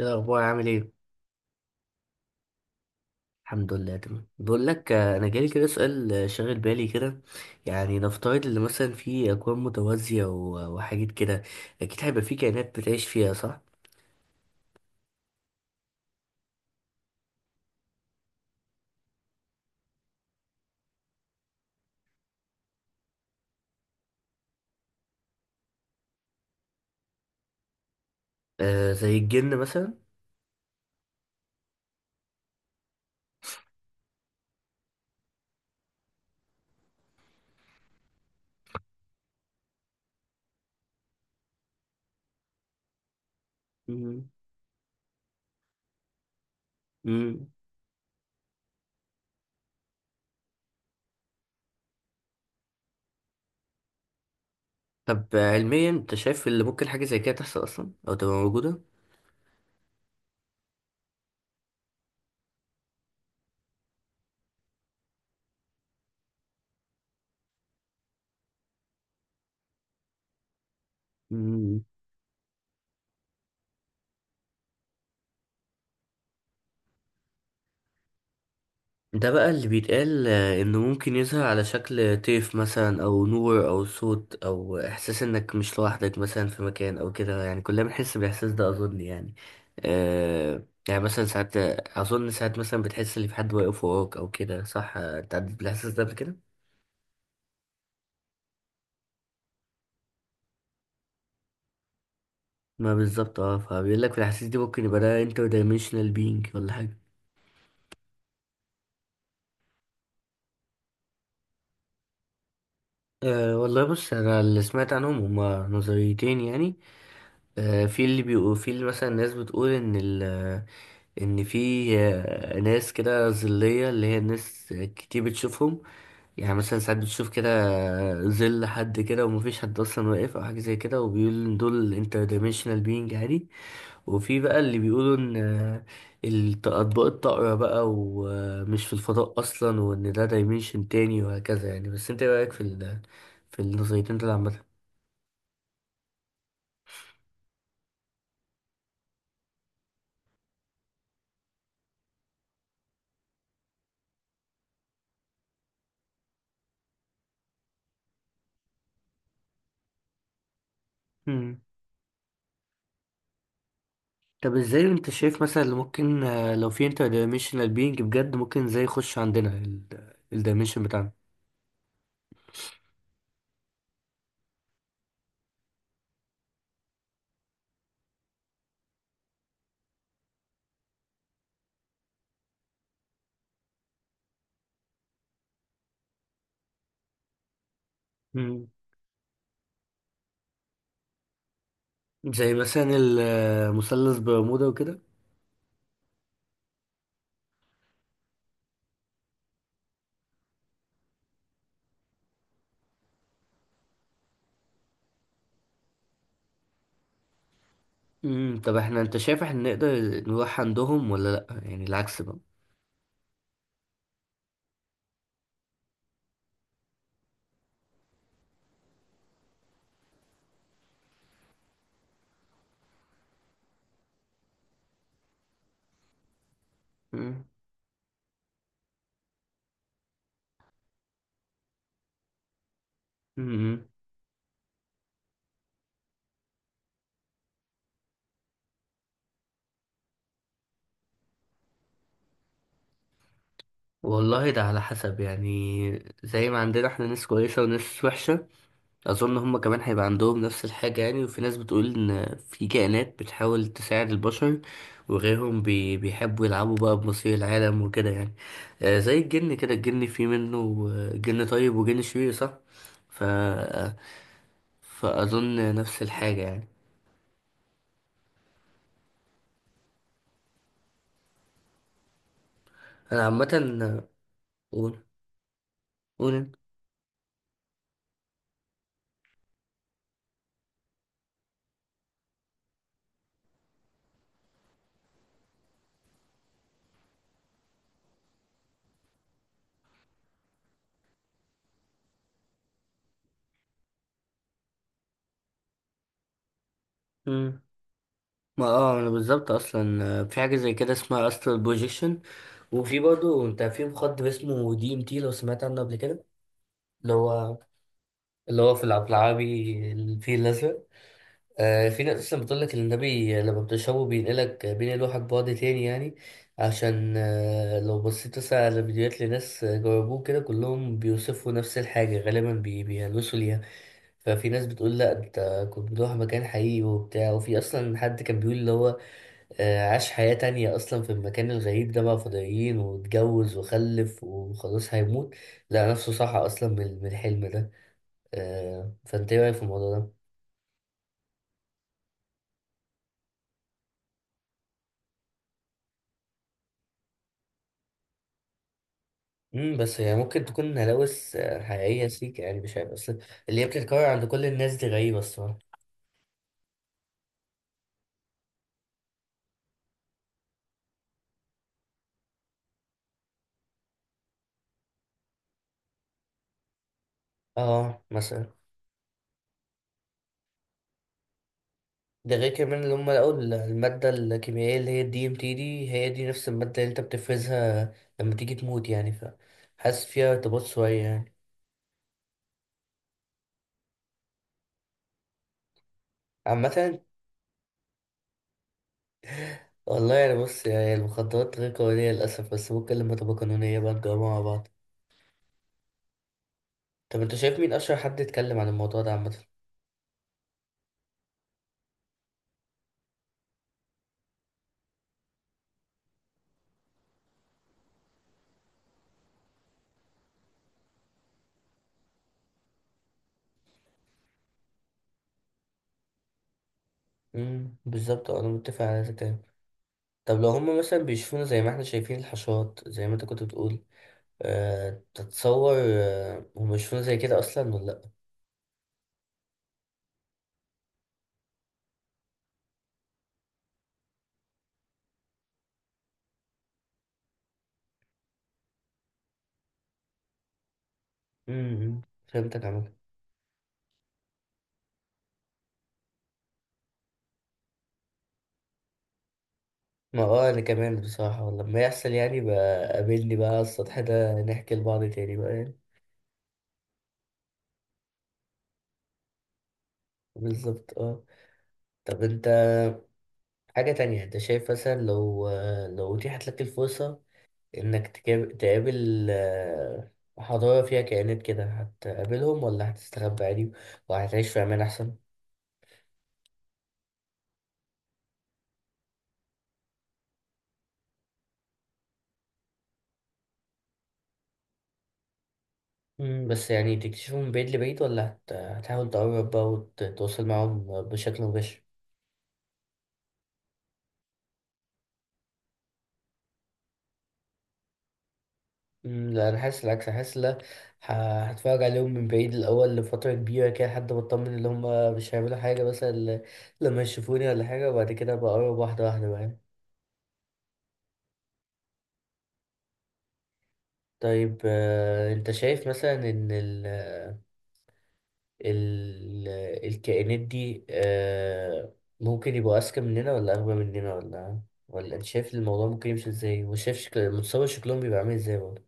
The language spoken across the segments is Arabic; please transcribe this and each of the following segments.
إيه الأخبار عامل إيه؟ الحمد لله تمام. بقول لك، أنا جالي كده سؤال شاغل بالي كده. يعني نفترض إن مثلا في أكوان متوازية وحاجات كده، أكيد هيبقى في كائنات بتعيش فيها، صح؟ آه، زي الجن مثلا؟ مم. مم. طب علميا أنت شايف اللي ممكن حاجة زي كده تحصل أصلا أو تبقى موجودة؟ ده بقى اللي بيتقال انه ممكن يظهر على شكل طيف مثلا او نور او صوت او احساس انك مش لوحدك مثلا في مكان او كده، يعني كلنا بنحس بالاحساس ده اظن يعني. آه يعني مثلا ساعات، اظن ساعات مثلا بتحس ان في حد واقف وراك او كده، صح؟ انت عديت بالاحساس ده قبل كده؟ ما بالظبط فبيقول لك في الاحاسيس دي ممكن يبقى ده انتر دايمنشنال بينج ولا حاجه. أه والله بص، انا اللي سمعت عنهم هما نظريتين يعني. أه، في اللي بيقول، في اللي مثلا الناس بتقول ان ان في ناس كده ظلية، اللي هي الناس كتير بتشوفهم. يعني مثلا ساعات بتشوف كده ظل حد كده ومفيش حد اصلا واقف او حاجة زي كده، وبيقول ان دول انتر دايمنشنال بينج عادي. وفي بقى اللي بيقولوا ان، اطباق الطائرة بقى، ومش في الفضاء اصلا، وان ده دايمنشن تاني وهكذا يعني. بس انت ايه رأيك في في النظريتين دول عامة؟ طب ازاي انت شايف مثلا اللي ممكن، لو في انتر دايمنشنال بينج بجد، ممكن ازاي يخش عندنا الدايمنشن بتاعنا؟ مم. زي مثلا المثلث برمودا وكده. مم. طب احنا، انت شايف احنا نقدر نروح عندهم ولا لأ؟ يعني العكس بقى. مم. مم. والله ده على حسب. يعني زي ما عندنا احنا ناس كويسة وناس وحشة، اظن هما كمان هيبقى عندهم نفس الحاجة يعني. وفي ناس بتقول ان في كائنات بتحاول تساعد البشر، وغيرهم بيحبوا يلعبوا بقى بمصير العالم وكده يعني. آه زي الجن كده، الجن في منه جن طيب وجن شرير، صح؟ ف فأظن نفس الحاجة يعني. أنا عامة. قول قول أنت. مم. ما أنا بالظبط أصلا في حاجة زي كده اسمها أسترال بروجيكشن. وفي برضه، أنت في مخدر اسمه دي إم تي، لو سمعت عنه قبل كده، اللي هو، اللي هو في العبد العابي الفيل الأزرق. آه، في ناس أصلا بتقول لك إن النبي لما بتشربه بينقلك بينقلوحك بعد تاني يعني. عشان لو بصيت مثلا على فيديوهات لناس جربوه كده، كلهم بيوصفوا نفس الحاجة غالبا، بيهلوسوا ليها. ففي ناس بتقول لا، انت كنت بتروح مكان حقيقي وبتاع. وفي اصلا حد كان بيقول اللي هو عاش حياة تانية اصلا في المكان الغريب ده، مع فضائيين واتجوز وخلف، وخلاص هيموت، لقى نفسه صحى اصلا من الحلم ده. فانت ايه رايك في الموضوع ده؟ بس هي ممكن تكون هلاوس حقيقيه سيك يعني. مش عارف، اصل اللي هي بتتكرر عند كل الناس دي، غريبه الصراحه. اه مثلا. ده غير كمان اللي هم لقوا الماده الكيميائيه اللي هي الدي ام تي، دي هي دي نفس الماده اللي انت بتفرزها لما تيجي تموت يعني، فحاسس فيها ارتباط شويه يعني. عامه. والله يعني، بص، يعني المخدرات غير قانونيه للاسف، بس ممكن لما تبقى قانونيه بقى نجربها مع بعض. طب انت شايف مين اشهر حد يتكلم عن الموضوع ده عامه؟ بالظبط، انا متفق على ده. طب لو هم مثلا بيشوفونا زي ما احنا شايفين الحشرات، زي ما انت كنت بتقول، أه تتصور هم بيشوفونا زي كده اصلا ولا لا؟ امم. فهمتك عمك. ما انا كمان بصراحة. ولما يحصل يعني بقى، قابلني بقى على السطح ده نحكي لبعض تاني بقى يعني. بالظبط، اه. طب انت، حاجة تانية، انت شايف مثلا لو، لو اتيحت لك الفرصة انك تقابل حضارة فيها كائنات كده، هتقابلهم ولا هتستخبى عادي وهتعيش في امان احسن؟ مم، بس يعني تكتشفهم من بعيد لبعيد، ولا هتحاول تقرب بقى وتتواصل معاهم بشكل مباشر؟ مم، لا أنا حاسس العكس، أنا حاسس لا، هتفرج عليهم من بعيد الأول لفترة كبيرة كده، لحد ما أطمن إن هما مش هيعملوا حاجة مثلا لما يشوفوني ولا حاجة، وبعد كده بقرب واحدة واحدة بقى. طيب أنت شايف مثلا إن ال... الكائنات دي ممكن يبقوا أذكى مننا ولا أغبى مننا، ولا أنت شايف الموضوع ممكن يمشي إزاي؟ وشايف شكل، متصور شكلهم بيبقى عامل إزاي برضه؟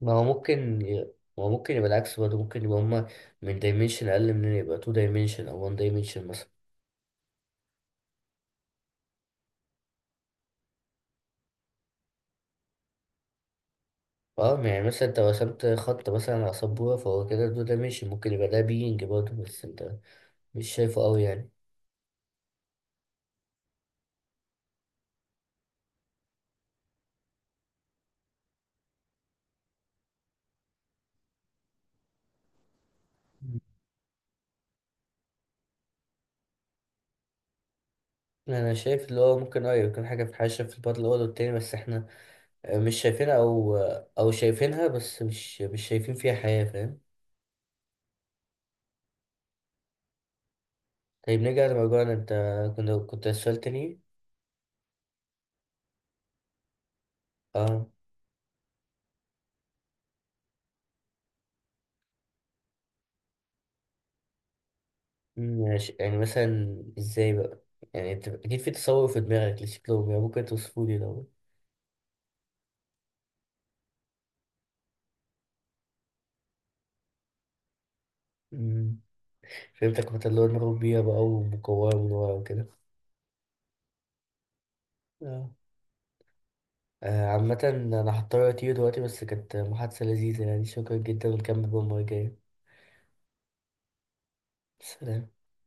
ما هو ممكن ي... ما هو ممكن يبقى العكس برضه، ممكن يبقى هما من دايمنشن أقل مننا، يبقى تو دايمنشن أو وان دايمنشن مثلا. اه يعني مثلا انت رسمت خط مثلا على سبورة، فهو كده تو دايمنشن، ممكن يبقى ده بينج برضه بس انت مش شايفه قوي يعني. مم. انا شايف اللي هو ممكن اه يكون حاجة، في البطل الأول والتاني، بس احنا مش شايفينها، او او شايفينها بس مش شايفين فيها حياة، فاهم؟ طيب نرجع لموضوعنا، انت كنت سؤال تاني. اه. ماشي، يعني مثلا ازاي بقى؟ يعني انت اكيد في تصور في دماغك لشكلهم، يعني ممكن توصفه لي لو؟ مم. فهمتك، مثلا اللي هو دماغهم بيها بقى ومكورة من ورا وكده. اه. عامة أنا هضطر أطير دلوقتي، بس كانت محادثة لذيذة يعني، شكرا جدا ونكمل بقى المرة الجاية. سلام.